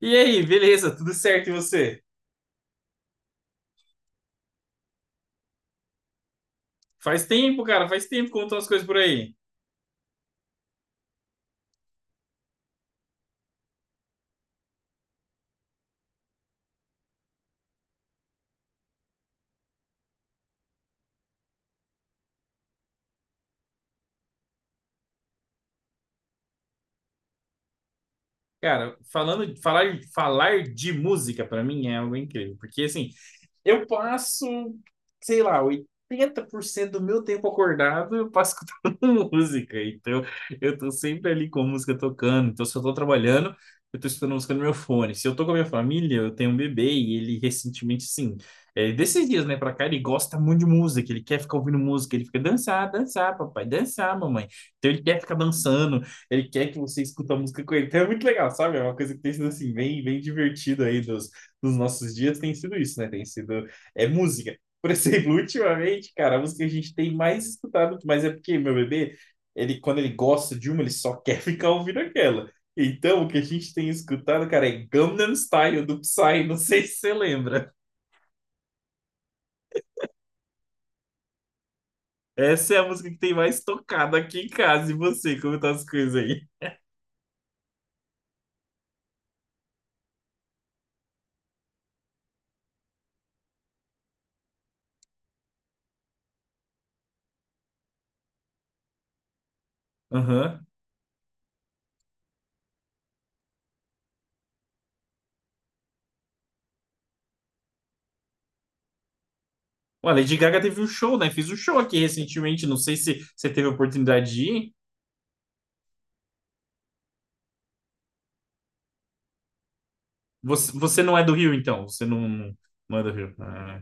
E aí, beleza? Tudo certo e você? Faz tempo, cara, faz tempo que contam as coisas por aí. Cara, falar de música pra mim é algo incrível, porque assim, eu passo, sei lá, 80% do meu tempo acordado eu passo escutando música. Então, eu tô sempre ali com a música tocando. Então, se eu tô trabalhando, eu tô escutando música no meu fone. Se eu tô com a minha família, eu tenho um bebê e ele recentemente, sim, é, desses dias, né, pra cá, ele gosta muito de música. Ele quer ficar ouvindo música. Ele fica dançar, dançar, papai, dançar, mamãe. Então, ele quer ficar dançando. Ele quer que você escuta a música com ele. Então, é muito legal, sabe? É uma coisa que tem sido, assim, bem, bem divertido aí dos nossos dias tem sido isso, né? Tem sido é música. Por exemplo, ultimamente, cara, a música que a gente tem mais escutado, mas é porque meu bebê, ele quando ele gosta de uma, ele só quer ficar ouvindo aquela. Então, o que a gente tem escutado, cara, é Gangnam Style do Psy, não sei se você lembra. Essa é a música que tem mais tocado aqui em casa. E você, como tá as coisas aí? Aham. Olha, Lady Gaga teve um show, né? Fiz um show aqui recentemente, não sei se você teve a oportunidade de ir. Você não é do Rio, então? Você não é do Rio? Ah.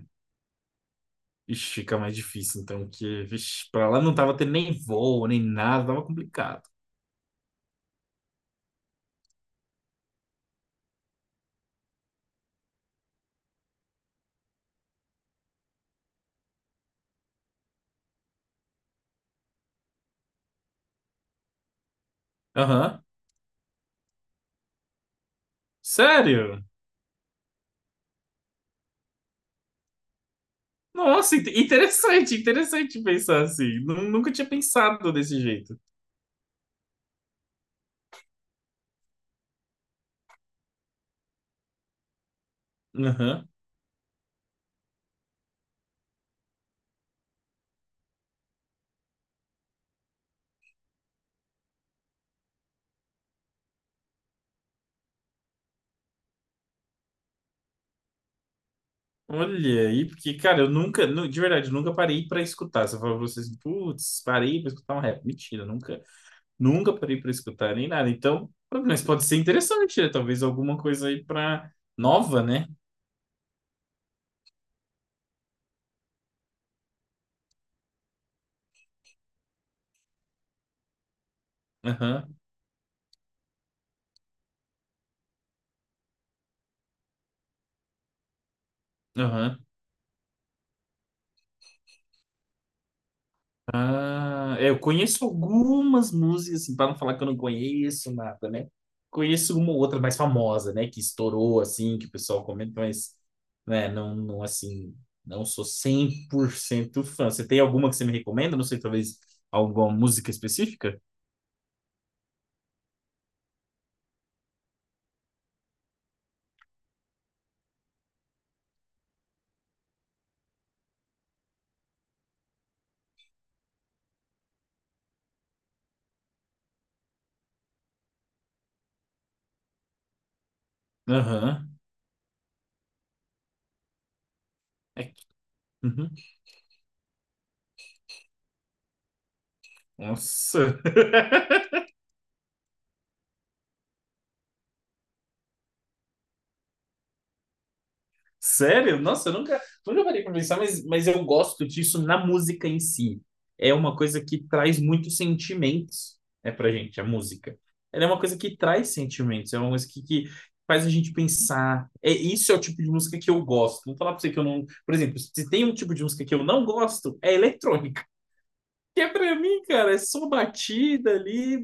Ixi, fica mais difícil, então, que, vixe, pra lá não tava tendo nem voo, nem nada, tava complicado. Aham. Sério? Nossa, interessante pensar assim. Nunca tinha pensado desse jeito. Aham. Olha aí, porque, cara, eu nunca, de verdade, eu nunca parei pra escutar. Você falou pra vocês, putz, parei pra escutar um rap. Mentira, nunca, nunca parei pra escutar nem nada. Então, mas pode ser interessante, né? Talvez alguma coisa aí pra nova, né? Aham, aham. Ah, é, eu conheço algumas músicas, assim, para não falar que eu não conheço nada, né? Conheço uma ou outra mais famosa, né? Que estourou, assim, que o pessoal comenta, mas, né, não, não, assim, não sou 100% fã. Você tem alguma que você me recomenda? Não sei, talvez alguma música específica? Aham. É que- uhum. Nossa. Sério? Nossa, eu nunca, nunca parei pra pensar, mas eu gosto disso na música em si. É uma coisa que traz muitos sentimentos, é pra gente, a música. Ela é uma coisa que traz sentimentos, é uma coisa que faz a gente pensar. É, isso é o tipo de música que eu gosto. Vou falar pra você que eu não. Por exemplo, se tem um tipo de música que eu não gosto, é eletrônica. Que é pra mim, cara, é só batida ali.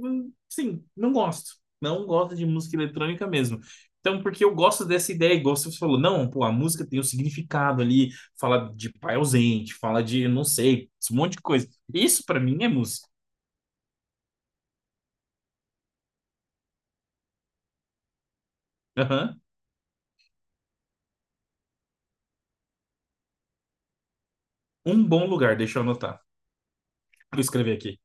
Sim, não gosto. Não gosto de música eletrônica mesmo. Então, porque eu gosto dessa ideia, igual você falou, não, pô, a música tem um significado ali, fala de pai ausente, fala de, não sei, um monte de coisa. Isso pra mim é música. Aham. Um bom lugar, deixa eu anotar. Vou escrever aqui.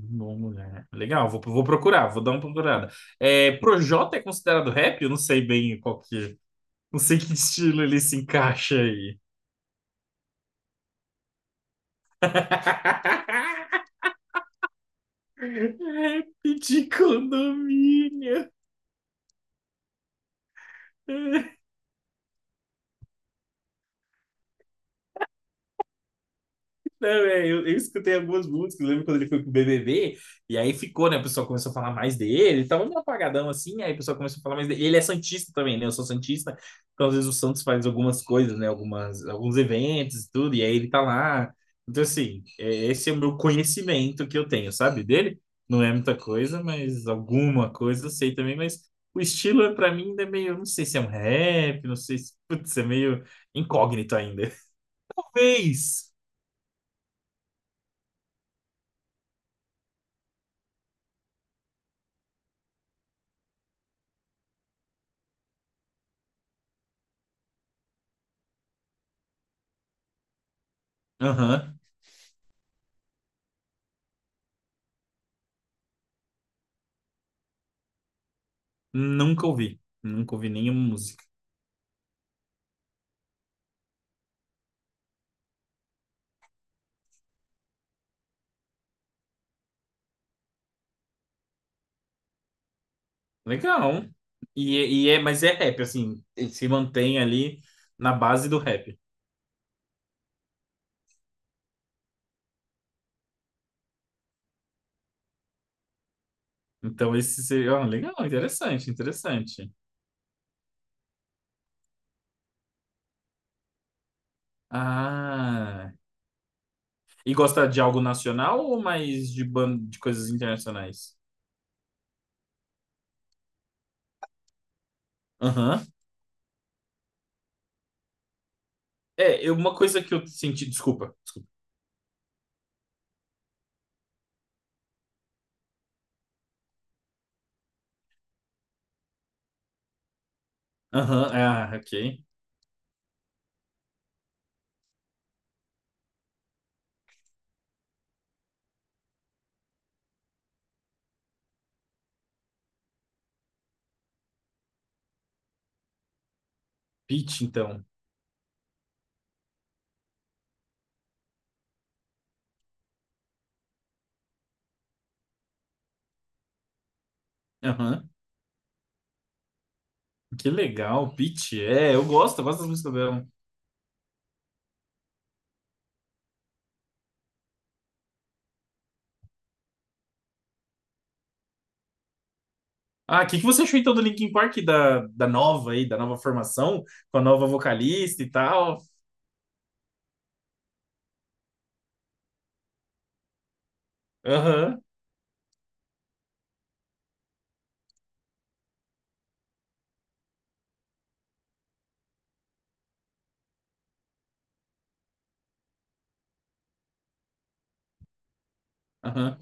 Um bom lugar. Legal, vou procurar, vou dar uma procurada. É, Projota é considerado rap? Eu não sei bem qual que. Não sei que estilo ele se encaixa aí. Rap de condomínio. Não, é, eu escutei algumas músicas, lembro quando ele foi pro BBB, e aí ficou, né? O pessoal começou a falar mais dele, tava meio apagadão assim, aí o pessoal começou a falar mais dele. E ele é santista também, né? Eu sou santista, então às vezes o Santos faz algumas coisas, né? Algumas, alguns eventos e tudo, e aí ele tá lá. Então, assim, é, esse é o meu conhecimento que eu tenho, sabe? Dele não é muita coisa, mas alguma coisa eu sei também, mas o estilo é, pra mim ainda é meio, não sei se é um rap, não sei se, putz, é meio incógnito ainda. Talvez. Aham. Nunca ouvi. Nunca ouvi nenhuma música. Legal. É, mas é rap, assim, ele se mantém ali na base do rap. Então, esse seria. Ó, legal, interessante, interessante. Ah. E gosta de algo nacional ou mais de, ban... de coisas internacionais? Aham. É, uma coisa que eu senti. Desculpa. Aham, ah, ok. Pitty, então. Aham. Que legal, Pitty. É, eu gosto das músicas dela. Ah, o que que você achou então do Linkin Park, da nova aí, da nova formação, com a nova vocalista e tal? Aham, aham,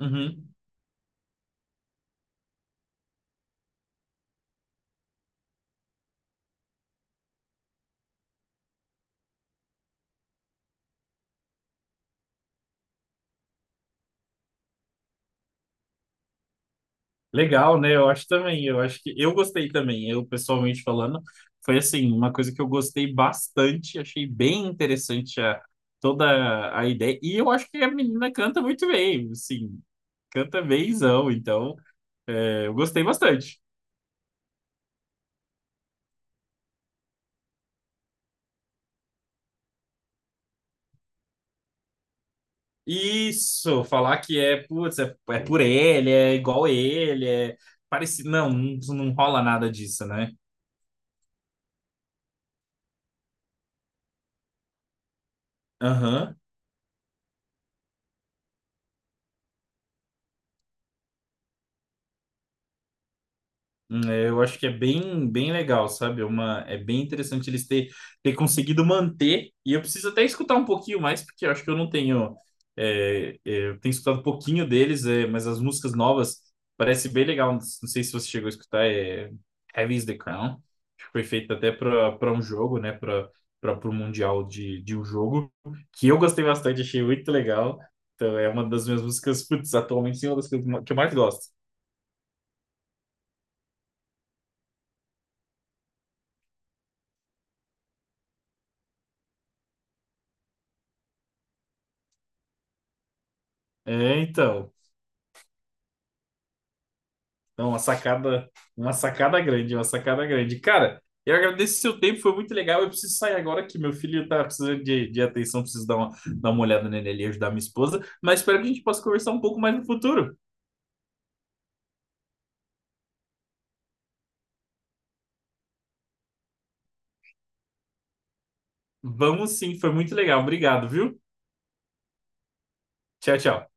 uhum. Legal, né? Eu acho também, eu acho que eu gostei também, eu pessoalmente falando, foi assim, uma coisa que eu gostei bastante, achei bem interessante a, toda a ideia, e eu acho que a menina canta muito bem, assim, canta bemzão, então é, eu gostei bastante. Isso, falar que é, putz, é por ele, é igual ele, é parecido. Não, não, não rola nada disso, né? Aham. É, eu acho que é bem, bem legal, sabe? É bem interessante eles ter conseguido manter, e eu preciso até escutar um pouquinho mais, porque eu acho que eu não tenho. Eu tenho escutado um pouquinho deles, mas as músicas novas parece bem legal. Não sei se você chegou a escutar, é Heavy is the Crown, que foi feito até para um jogo, né? Para o Mundial de um jogo, que eu gostei bastante, achei muito legal. Então, é uma das minhas músicas, putz, atualmente, sim, é uma das que eu mais gosto. É, então. Não, uma sacada grande, uma sacada grande. Cara, eu agradeço o seu tempo, foi muito legal. Eu preciso sair agora que meu filho tá precisando de atenção, preciso dar uma olhada nele ali, ajudar minha esposa. Mas espero que a gente possa conversar um pouco mais no futuro. Vamos sim, foi muito legal. Obrigado, viu? Tchau, tchau.